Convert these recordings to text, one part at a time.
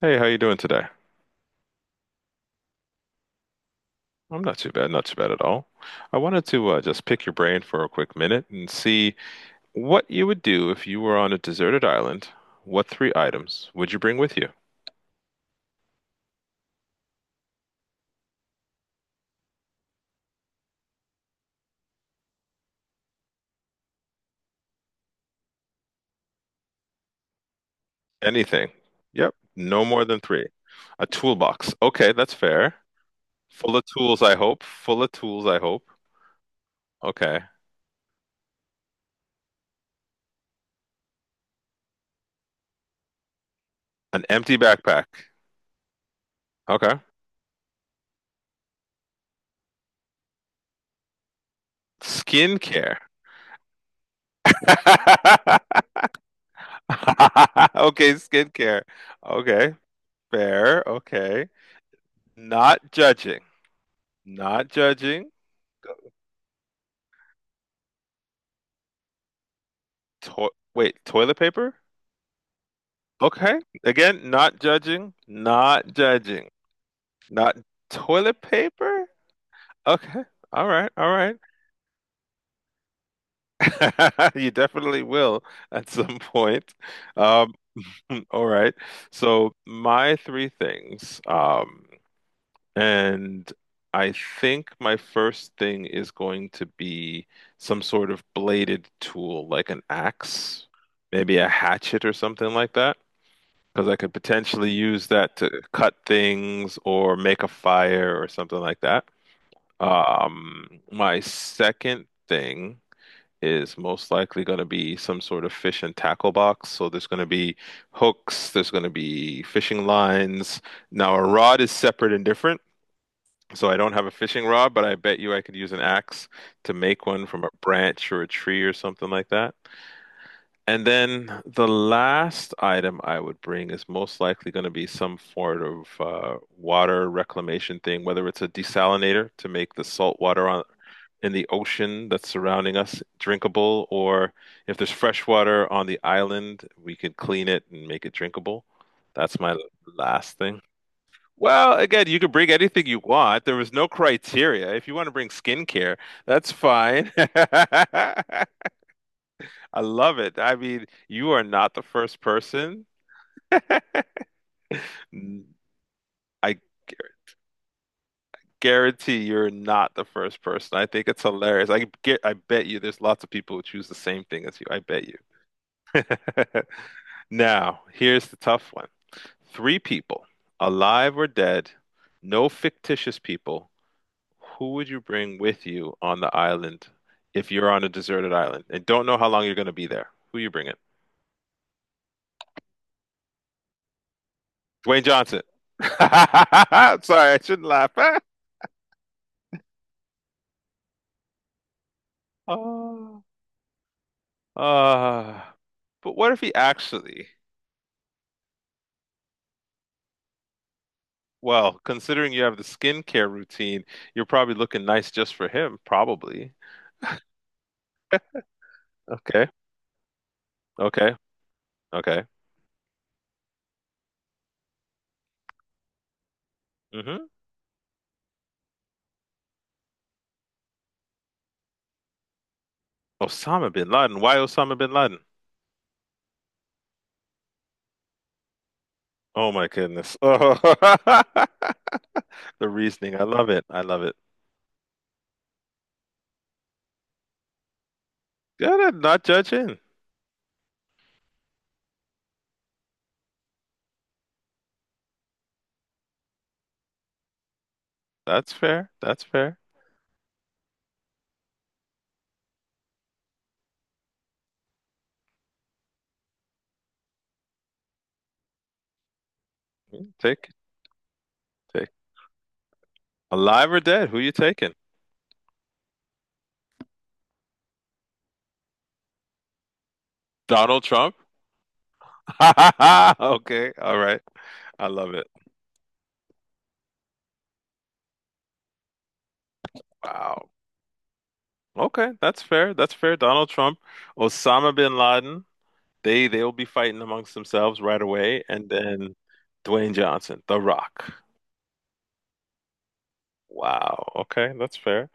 Hey, how you doing today? I'm not too bad, not too bad at all. I wanted to just pick your brain for a quick minute and see what you would do if you were on a deserted island. What three items would you bring with you? Anything. Yep, no more than three. A toolbox. Okay, that's fair. Full of tools, I hope. Full of tools, I hope. Okay. An empty backpack. Okay. Skincare. Okay, skincare. Okay, fair. Okay. Not judging. Not judging. Wait, toilet paper? Okay. Again, not judging. Not judging. Not toilet paper? Okay. All right. All right. You definitely will at some point. Um, all right. So my three things. And I think my first thing is going to be some sort of bladed tool, like an axe, maybe a hatchet or something like that. Because I could potentially use that to cut things or make a fire or something like that. My second thing is most likely going to be some sort of fish and tackle box. So there's going to be hooks, there's going to be fishing lines. Now, a rod is separate and different. So I don't have a fishing rod, but I bet you I could use an axe to make one from a branch or a tree or something like that. And then the last item I would bring is most likely going to be some sort of water reclamation thing, whether it's a desalinator to make the salt water on, in the ocean that's surrounding us drinkable, or if there's fresh water on the island, we could clean it and make it drinkable. That's my last thing. Well, again, you can bring anything you want. There was no criteria. If you want to bring skincare, that's fine. I love it. I mean, you are not the first person. I gu- guarantee you're not the first person. I think it's hilarious. I get, I bet you there's lots of people who choose the same thing as you. I bet you. Now, here's the tough one. Three people, alive or dead, no fictitious people. Who would you bring with you on the island if you're on a deserted island and don't know how long you're going to be there? Who you bringing? Dwayne Johnson. Sorry, I shouldn't laugh. Uh, uh, but what if he actually, well, considering you have the skincare routine, you're probably looking nice just for him, probably. Okay, okay, okay. hmm Osama bin Laden. Why Osama bin Laden? Oh my goodness. Oh, the reasoning. I love it. I love it. Good, at not judging. That's fair. That's fair. Take it, take it. Alive or dead, who you taking? Donald Trump? Okay, all right. I love it. Wow. Okay, that's fair. That's fair. Donald Trump, Osama bin Laden, they'll be fighting amongst themselves right away, and then Dwayne Johnson, The Rock. Wow. Okay, that's fair.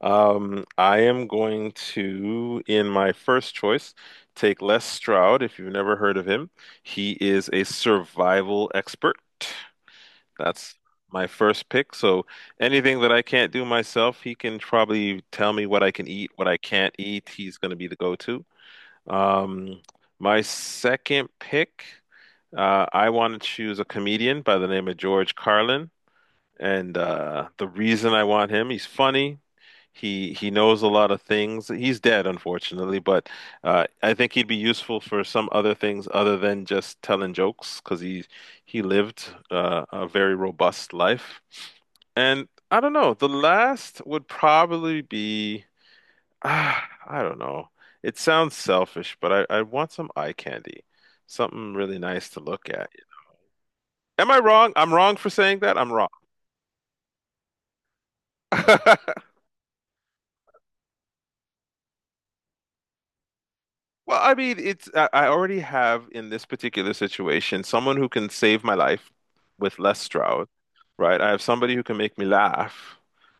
I am going to, in my first choice, take Les Stroud, if you've never heard of him. He is a survival expert. That's my first pick. So anything that I can't do myself, he can probably tell me what I can eat, what I can't eat. He's going to be the go-to. Um, my second pick, I want to choose a comedian by the name of George Carlin, and the reason I want him, he's funny. He knows a lot of things. He's dead, unfortunately, but I think he'd be useful for some other things other than just telling jokes, because he lived a very robust life. And I don't know, the last would probably be. I don't know. It sounds selfish, but I want some eye candy. Something really nice to look at. Am I wrong? I'm wrong for saying that. I'm wrong. Well, I mean, it's I already have in this particular situation someone who can save my life with Les Stroud, right? I have somebody who can make me laugh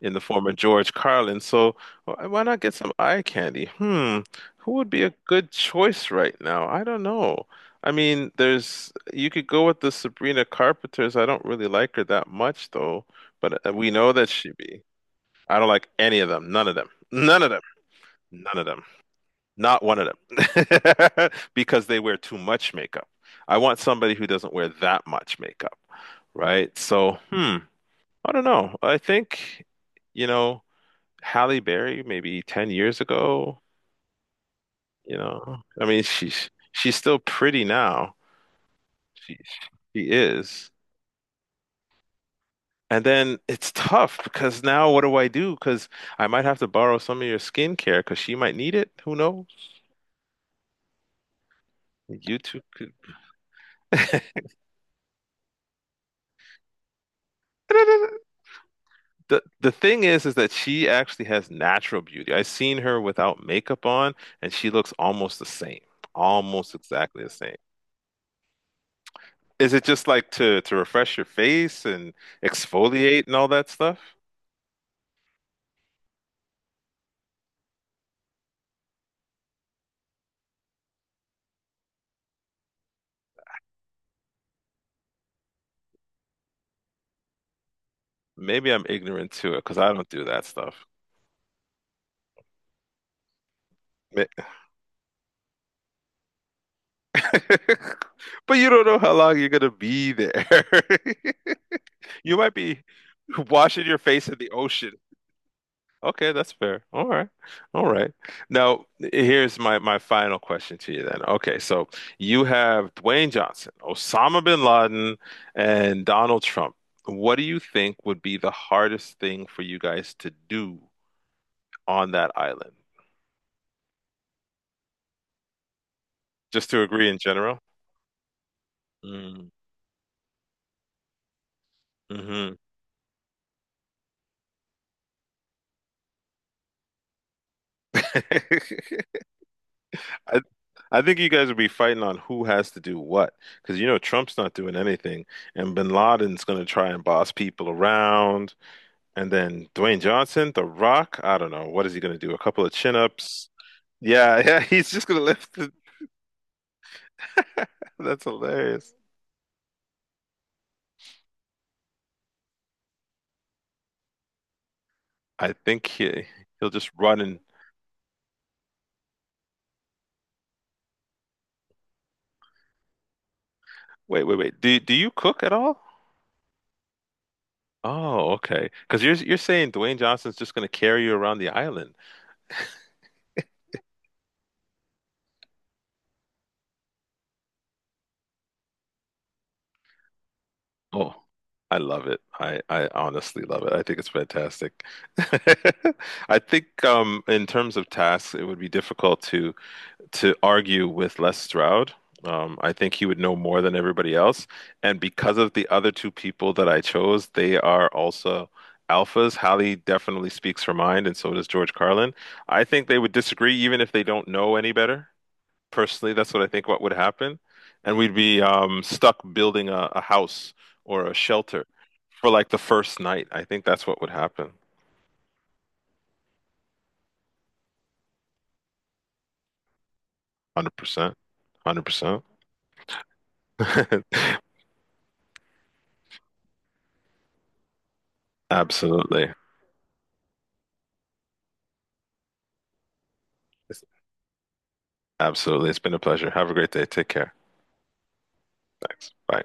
in the form of George Carlin. So why not get some eye candy? Hmm, who would be a good choice right now? I don't know. I mean, there's you could go with the Sabrina Carpenters. I don't really like her that much though, but we know that she be. I don't like any of them. None of them. None of them. None of them. Not one of them. Because they wear too much makeup. I want somebody who doesn't wear that much makeup, right? So, hmm, I don't know. I think, you know, Halle Berry maybe 10 years ago, you know. I mean, she's still pretty now. She she is. And then it's tough because now what do I do? Because I might have to borrow some of your skincare because she might need it. Who knows? You two could. The thing is that she actually has natural beauty. I've seen her without makeup on and she looks almost the same. Almost exactly the same. Is it just like to refresh your face and exfoliate and all that stuff? Maybe I'm ignorant to it because I don't do that stuff. Ma- But you don't know how long you're gonna be there. You might be washing your face in the ocean. Okay, that's fair. All right. All right. Now, here's my final question to you then. Okay, so you have Dwayne Johnson, Osama bin Laden, and Donald Trump. What do you think would be the hardest thing for you guys to do on that island? Just to agree in general? Mm, hmm. I I think you guys would be fighting on who has to do what, because you know Trump's not doing anything, and Bin Laden's going to try and boss people around. And then Dwayne Johnson, The Rock, I don't know. What is he going to do? A couple of chin-ups? Yeah, yeah, he's just going to lift it. That's hilarious. I think he'll just run and wait, wait, wait. Do you cook at all? Oh, okay. Because you're saying Dwayne Johnson's just going to carry you around the island. Oh, I love it. I honestly love it. I think it's fantastic. I think in terms of tasks, it would be difficult to argue with Les Stroud. I think he would know more than everybody else. And because of the other two people that I chose, they are also alphas. Hallie definitely speaks her mind, and so does George Carlin. I think they would disagree even if they don't know any better. Personally, that's what I think what would happen. And we'd be stuck building a house or a shelter for like the first night. I think that's what would happen. 100%. 100%. Absolutely. Absolutely. It's been a pleasure. Have a great day. Take care. Thanks. Bye.